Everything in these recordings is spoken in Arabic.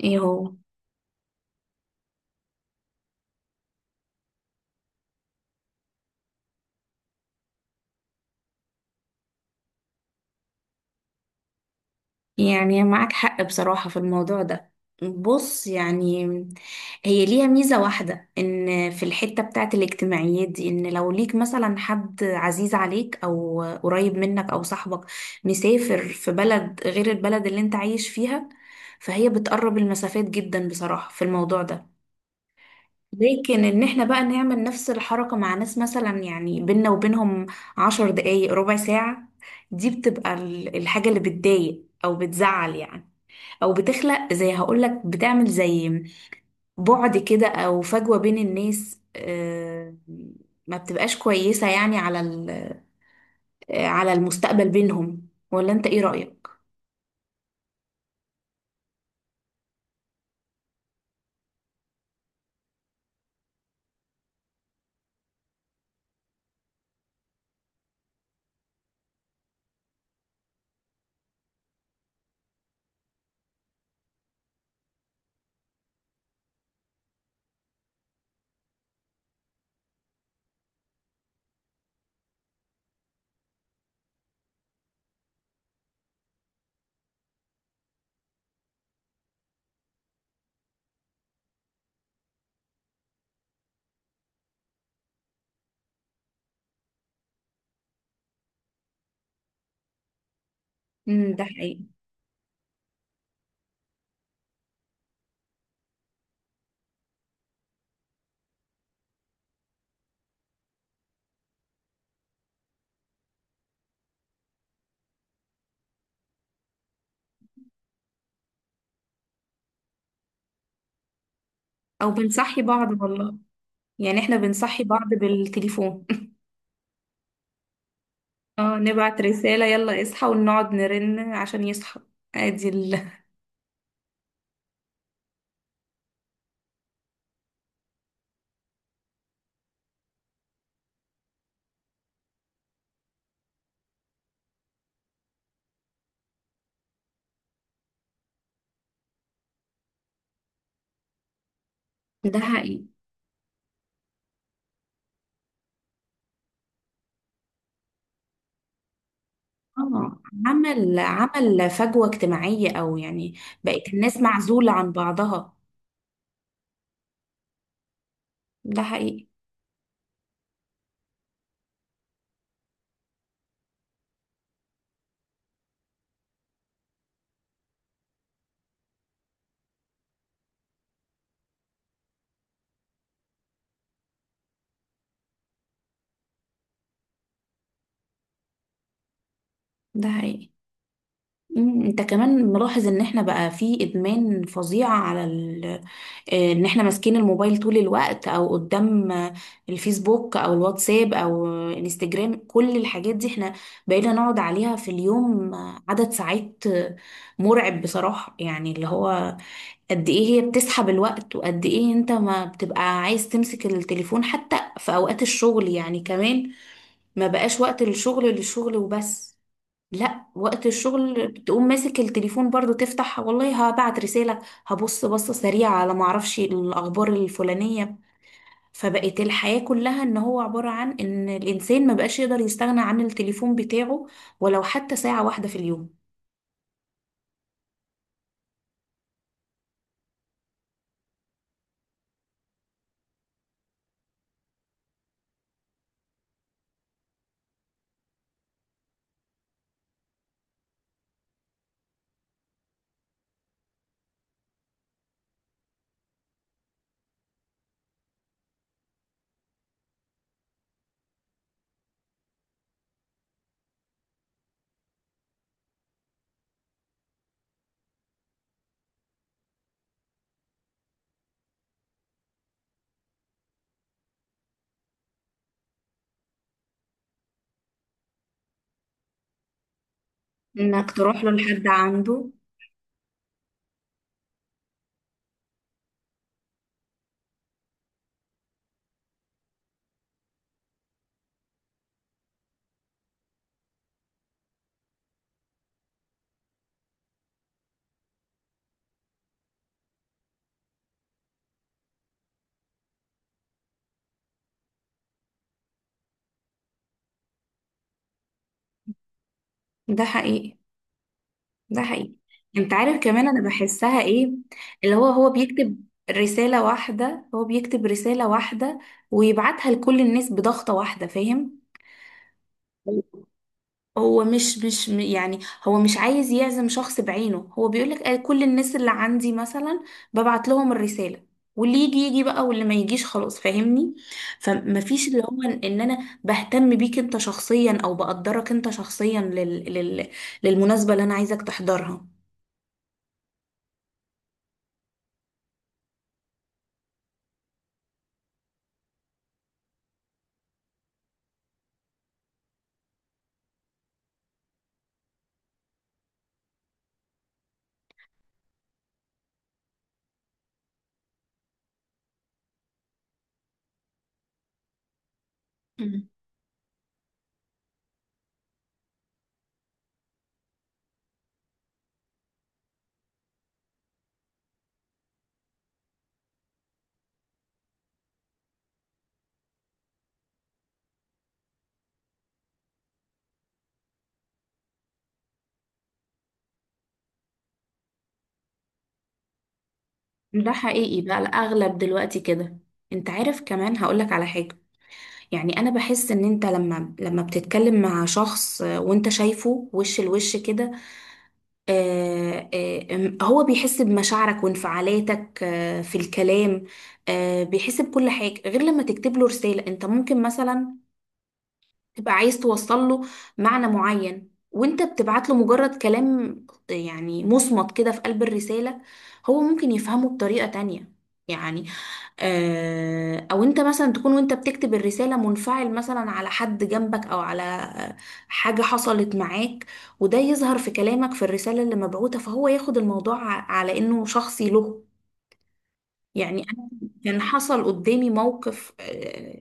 ايه هو؟ يعني معاك حق بصراحة في الموضوع ده. بص، يعني، هي ليها ميزة واحدة ان في الحتة بتاعت الاجتماعيات دي، ان لو ليك مثلا حد عزيز عليك او قريب منك او صاحبك مسافر في بلد غير البلد اللي انت عايش فيها، فهي بتقرب المسافات جدا بصراحة في الموضوع ده. لكن ان احنا بقى نعمل نفس الحركة مع ناس، مثلا يعني بينا وبينهم 10 دقايق ربع ساعة، دي بتبقى الحاجة اللي بتضايق او بتزعل، يعني. او بتخلق زي هقولك بتعمل زي بعد كده، او فجوة بين الناس، ما بتبقاش كويسة، يعني على ال- آه، على المستقبل بينهم. ولا انت ايه رأيك؟ ده حقيقي. او بنصحي بعض والله. يعني احنا بنصحي بعض بالتليفون. اه، نبعت رسالة يلا اصحى ونقعد نرن عشان يصحى. ادي ده حقيقي. اه، عمل فجوة اجتماعية، او يعني بقت الناس معزولة عن بعضها. ده حقيقي. ده حقيقي. انت كمان ملاحظ ان احنا بقى في ادمان فظيع على ال... آه، ان احنا ماسكين الموبايل طول الوقت، او قدام الفيسبوك او الواتساب او انستجرام. كل الحاجات دي احنا بقينا نقعد عليها في اليوم عدد ساعات مرعب بصراحة، يعني اللي هو قد ايه هي بتسحب الوقت، وقد ايه انت ما بتبقى عايز تمسك التليفون حتى في اوقات الشغل يعني كمان. ما بقاش وقت للشغل، للشغل وبس. لا، وقت الشغل تقوم ماسك التليفون برضو، تفتح والله هبعت رسالة، هبص بصة سريعة على معرفش الأخبار الفلانية. فبقت الحياة كلها إن هو عبارة عن إن الإنسان ما بقاش يقدر يستغنى عن التليفون بتاعه، ولو حتى ساعة واحدة في اليوم. إنك تروح له لحد عنده. ده حقيقي. ده حقيقي. أنت عارف كمان، أنا بحسها إيه؟ اللي هو بيكتب رسالة واحدة، ويبعتها لكل الناس بضغطة واحدة، فاهم؟ هو مش مش م- يعني هو مش عايز يعزم شخص بعينه، هو بيقول لك كل الناس اللي عندي مثلا ببعت لهم الرسالة، واللي يجي يجي بقى واللي ما يجيش خلاص، فاهمني؟ فمفيش اللي هو إن انا بهتم بيك انت شخصيا، او بقدرك انت شخصيا للمناسبة اللي انا عايزك تحضرها. مم. ده حقيقي بقى، الأغلب دلوقتي كده. انت عارف كمان، هقولك على حاجة. يعني انا بحس ان انت لما بتتكلم مع شخص وانت شايفه وش لوش كده، هو بيحس بمشاعرك وانفعالاتك في الكلام، بيحس بكل حاجة، غير لما تكتب له رسالة. انت ممكن مثلا تبقى عايز توصل له معنى معين، وانت بتبعت له مجرد كلام يعني مصمت كده في قلب الرسالة، هو ممكن يفهمه بطريقة تانية. يعني او انت مثلا تكون وانت بتكتب الرسالة منفعل مثلا على حد جنبك، او على حاجة حصلت معاك، وده يظهر في كلامك في الرسالة اللي مبعوتة، فهو ياخد الموضوع على انه شخصي له. يعني أنا كان حصل قدامي موقف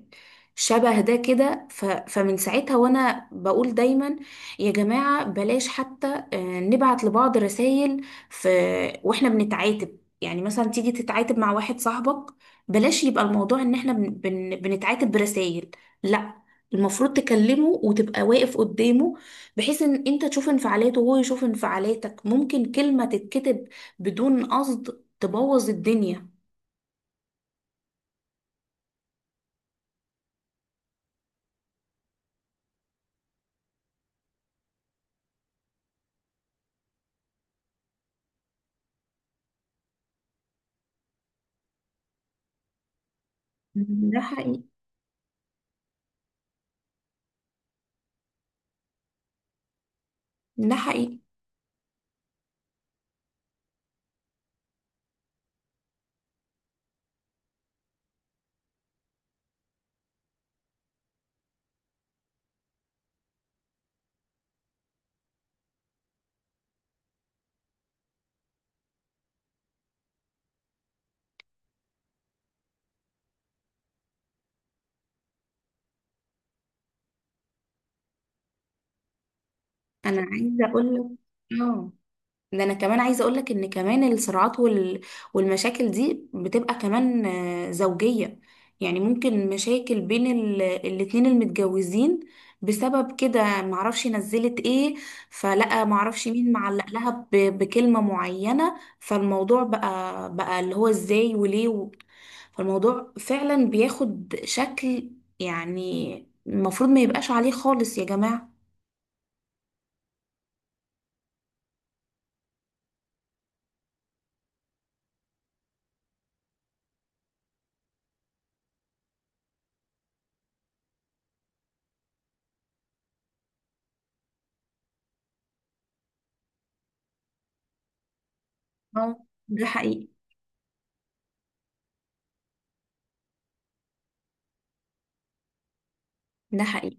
شبه ده كده، فمن ساعتها وأنا بقول دايما يا جماعة، بلاش حتى نبعت لبعض رسائل في وإحنا بنتعاتب. يعني مثلا تيجي تتعاتب مع واحد صاحبك، بلاش يبقى الموضوع إن إحنا بنتعاتب برسائل. لا، المفروض تكلمه وتبقى واقف قدامه، بحيث ان انت تشوف انفعالاته وهو يشوف انفعالاتك. ممكن كلمة تتكتب بدون قصد تبوظ الدنيا. ده حقيقي. ده حقيقي. انا عايزه اقول لك اه ده انا كمان عايزه اقول لك ان كمان الصراعات والمشاكل دي بتبقى كمان زوجيه. يعني ممكن مشاكل بين الاتنين المتجوزين بسبب كده، معرفش نزلت ايه، فلقى معرفش مين معلق لها بكلمه معينه، فالموضوع بقى اللي هو ازاي وليه فالموضوع فعلا بياخد شكل، يعني المفروض ما يبقاش عليه خالص يا جماعه. اه، ده حقيقي. ده حقيقي.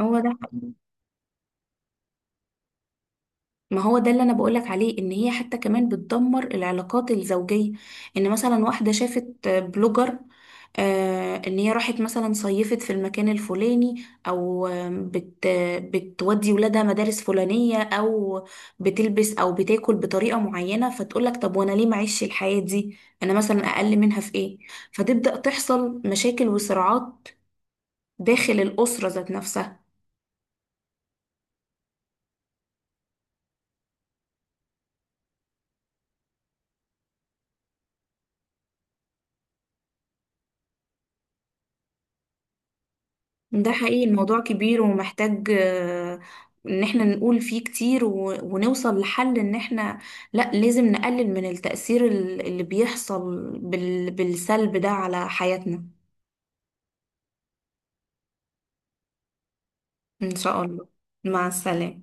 هو ده حقيقي. ما هو ده اللي انا بقولك عليه، ان هي حتى كمان بتدمر العلاقات الزوجية. ان مثلا واحدة شافت بلوجر، آه ان هي راحت مثلا صيفت في المكان الفلاني، او آم، بت بتودي ولادها مدارس فلانية، او بتلبس او بتاكل بطريقة معينة، فتقولك طب وانا ليه معيش الحياة دي؟ انا مثلا اقل منها في ايه؟ فتبدأ تحصل مشاكل وصراعات داخل الأسرة ذات نفسها. ده حقيقي، الموضوع كبير ومحتاج ان احنا نقول فيه كتير، ونوصل لحل، ان احنا لا لازم نقلل من التأثير اللي بيحصل بالسلب ده على حياتنا. ان شاء الله. مع السلامة.